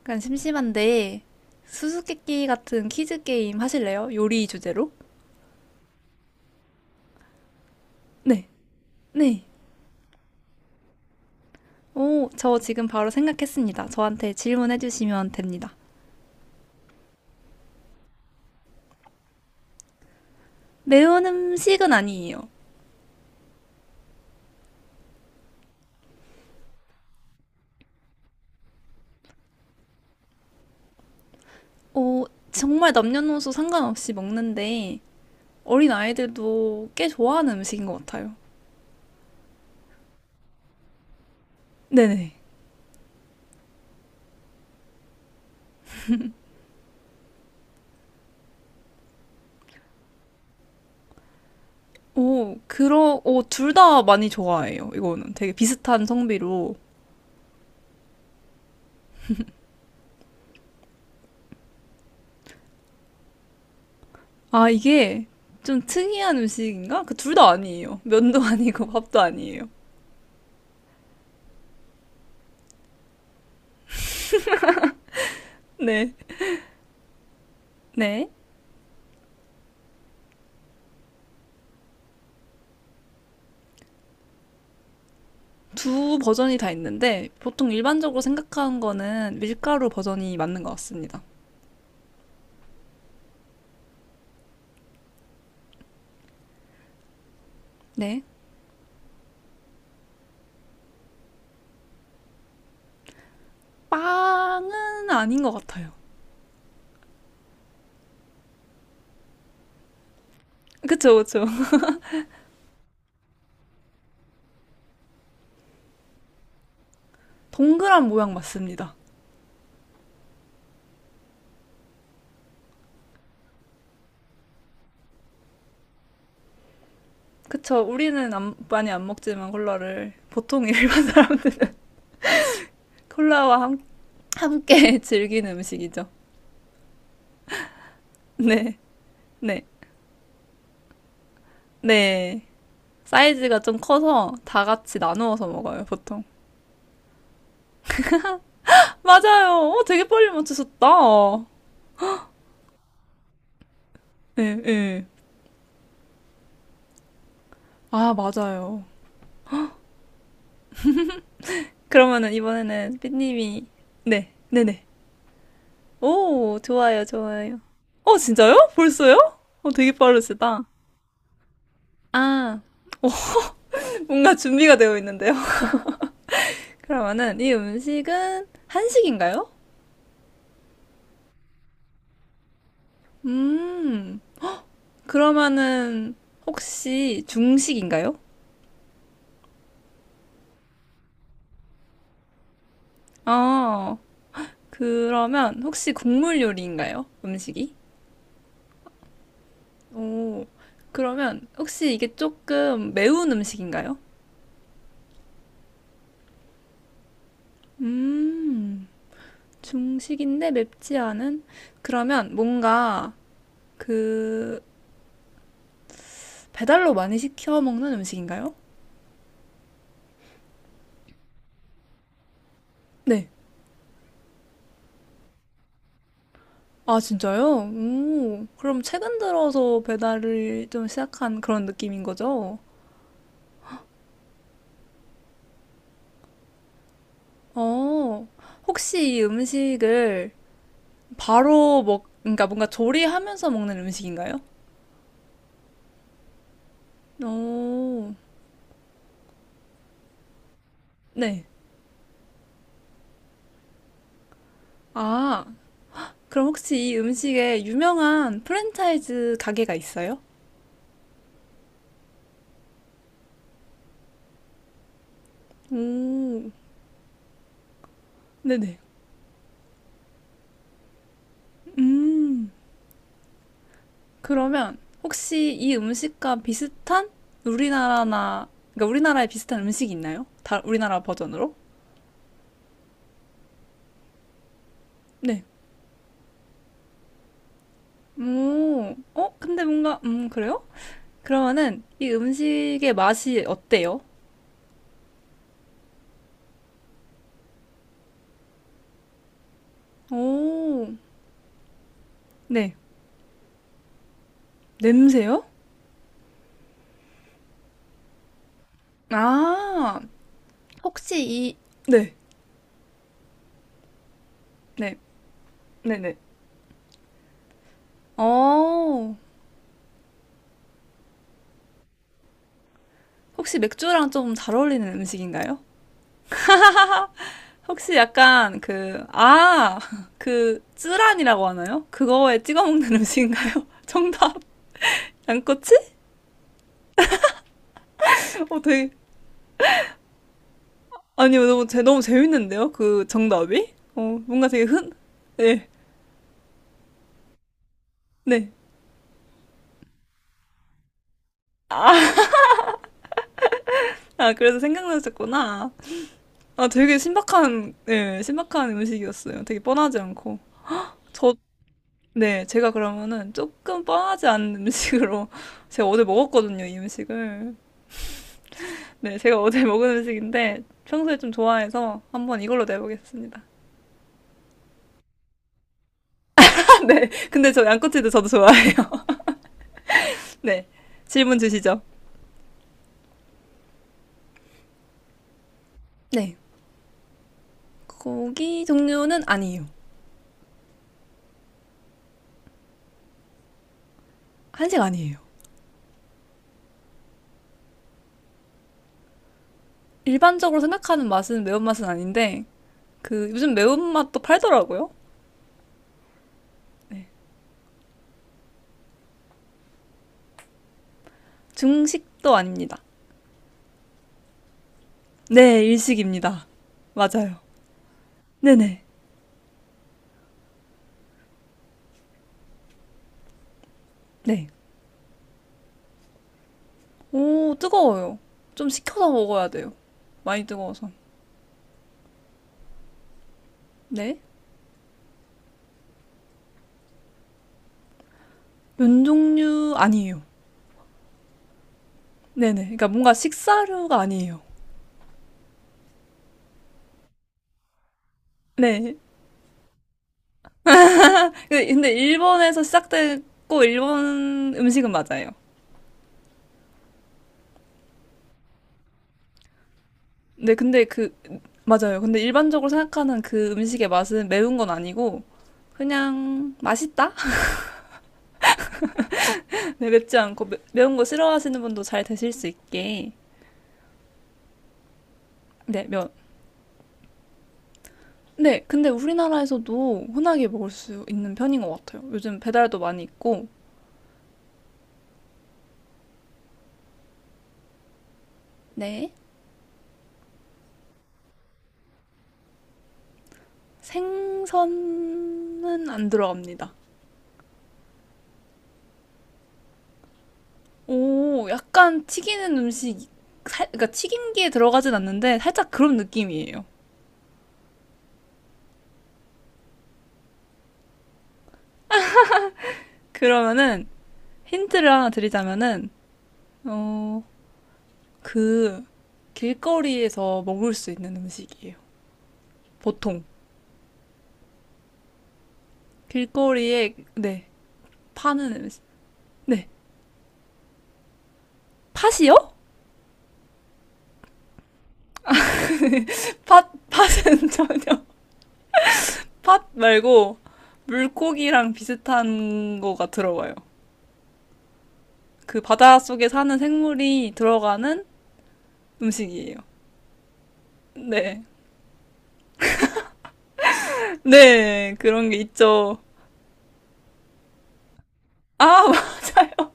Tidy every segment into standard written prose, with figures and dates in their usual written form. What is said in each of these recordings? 약간 심심한데 수수께끼 같은 퀴즈 게임 하실래요? 요리 주제로? 네, 네. 오, 저 지금 바로 생각했습니다. 저한테 질문해 주시면 됩니다. 매운 음식은 아니에요. 오, 정말 남녀노소 상관없이 먹는데 어린 아이들도 꽤 좋아하는 음식인 것 같아요. 네네. 오, 오, 둘 다 많이 좋아해요. 이거는 되게 비슷한 성비로. 아, 이게 좀 특이한 음식인가? 그 둘 다 아니에요. 면도 아니고 밥도 아니에요. 네. 네. 두 버전이 다 있는데 보통 일반적으로 생각하는 거는 밀가루 버전이 맞는 것 같습니다. 네. 빵은 아닌 것 같아요. 그쵸, 그쵸. 동그란 모양 맞습니다. 그쵸. 우리는 많이 안 먹지만 콜라를 보통 일반 사람들은 콜라와 함, 함께 즐기는 음식이죠. 네. 네. 네. 사이즈가 좀 커서 다 같이 나누어서 먹어요, 보통. 맞아요. 어, 되게 빨리 맞추셨다. 예, 예. 아, 맞아요. 그러면은 이번에는 삐님이. 네, 네네. 오, 좋아요, 좋아요. 어, 진짜요? 벌써요? 어, 되게 빠르시다. 아, 뭔가 준비가 되어 있는데요. 그러면은 이 음식은 한식인가요? 음, 그러면은 혹시 중식인가요? 아, 그러면 혹시 국물 요리인가요? 음식이? 오, 그러면 혹시 이게 조금 매운 음식인가요? 음. 중식인데 맵지 않은? 그러면 뭔가 그 배달로 많이 시켜 먹는 음식인가요? 네. 아, 진짜요? 오, 그럼 최근 들어서 배달을 좀 시작한 그런 느낌인 거죠? 어, 혹시 이 음식을 그러니까 뭔가 조리하면서 먹는 음식인가요? 오, 네. 아, 그럼 혹시 이 음식에 유명한 프랜차이즈 가게가 있어요? 오, 네네. 음. 그러면 혹시 이 음식과 비슷한 우리나라나, 그러니까 우리나라에 비슷한 음식이 있나요? 다 우리나라 버전으로? 네. 오, 어? 근데 뭔가, 그래요? 그러면은 이 음식의 맛이 어때요? 오, 네. 냄새요? 아, 혹시 이, 네, 네, 네네. 어, 혹시 맥주랑 좀 잘 어울리는 음식인가요? 혹시 약간 그, 아, 그, 쯔란이라고 하나요? 그거에 찍어 먹는 음식인가요? 정답. 양꼬치? 어, 되게, 아니, 너무, 너무 재밌는데요? 그 정답이? 어, 뭔가 되게 흔, 네, 네. 아, 그래서 생각나셨구나. 아, 되게 신박한, 예, 신박한 음식이었어요. 되게 뻔하지 않고. 저, 네, 제가 그러면은 조금 뻔하지 않은 음식으로 제가 어제 먹었거든요, 이 음식을. 네, 제가 어제 먹은 음식인데 평소에 좀 좋아해서 한번 이걸로 내보겠습니다. 네, 근데 저 양꼬치도 저도 좋아해요. 네, 질문 주시죠. 네, 고기 종류는 아니에요. 한식 아니에요. 일반적으로 생각하는 맛은 매운맛은 아닌데 그 요즘 매운맛도 팔더라고요. 네, 중식도 아닙니다. 네, 일식입니다. 맞아요. 네네. 네. 오, 뜨거워요. 좀 식혀서 먹어야 돼요. 많이 뜨거워서. 네. 면 종류 아니에요. 네네. 그러니까 뭔가 식사류가 아니에요. 네. 근데 일본에서 시작됐고 일본 음식은 맞아요. 네, 근데 그 맞아요. 근데 일반적으로 생각하는 그 음식의 맛은 매운 건 아니고 그냥 맛있다? 네, 맵지 않고 매운 거 싫어하시는 분도 잘 드실 수 있게. 네, 면. 네, 근데 우리나라에서도 흔하게 먹을 수 있는 편인 것 같아요. 요즘 배달도 많이 있고. 네. 생선은 안 들어갑니다. 오, 약간 튀기는 음식, 살, 그러니까 튀김기에 들어가진 않는데 살짝 그런 느낌이에요. 그러면은 힌트를 하나 드리자면은 어, 그 길거리에서 먹을 수 있는 음식이에요. 보통 길거리에 네 파는 음식, 네 팥이요? 팥 팥은 전혀. 팥 말고 물고기랑 비슷한 거가 들어가요. 그 바닷속에 사는 생물이 들어가는 음식이에요. 네. 네, 그런 게 있죠. 아, 맞아요.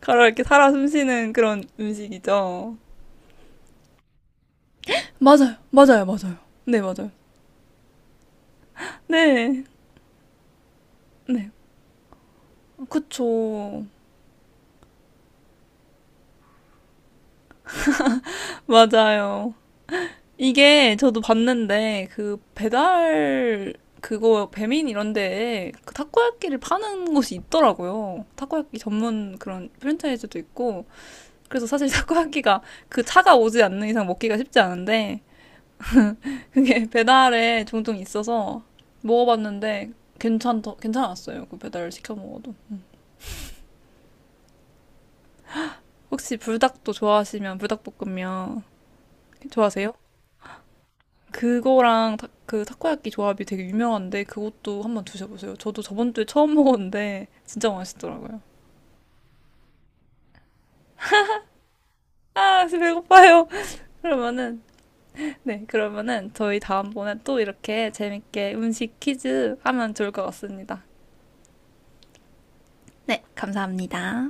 가로 이렇게 살아 숨쉬는 그런 음식이죠. 맞아요, 맞아요, 맞아요. 네, 맞아요. 네, 네. 그쵸. 맞아요. 이게 저도 봤는데, 그 배달, 그거 배민 이런 데에 그 타코야끼를 파는 곳이 있더라고요. 타코야끼 전문 그런 프랜차이즈도 있고. 그래서 사실 타코야끼가 그 차가 오지 않는 이상 먹기가 쉽지 않은데, 그게 배달에 종종 있어서 먹어봤는데 괜찮았어요. 그 배달을 시켜 먹어도. 혹시 불닭도 좋아하시면 불닭볶음면 좋아하세요? 그거랑 그 타코야끼 조합이 되게 유명한데 그것도 한번 드셔보세요. 저도 저번 주에 처음 먹었는데 진짜 맛있더라고요. 아, 지금 배고파요. 그러면은 네, 그러면은 저희 다음번에 또 이렇게 재밌게 음식 퀴즈 하면 좋을 것 같습니다. 네, 감사합니다.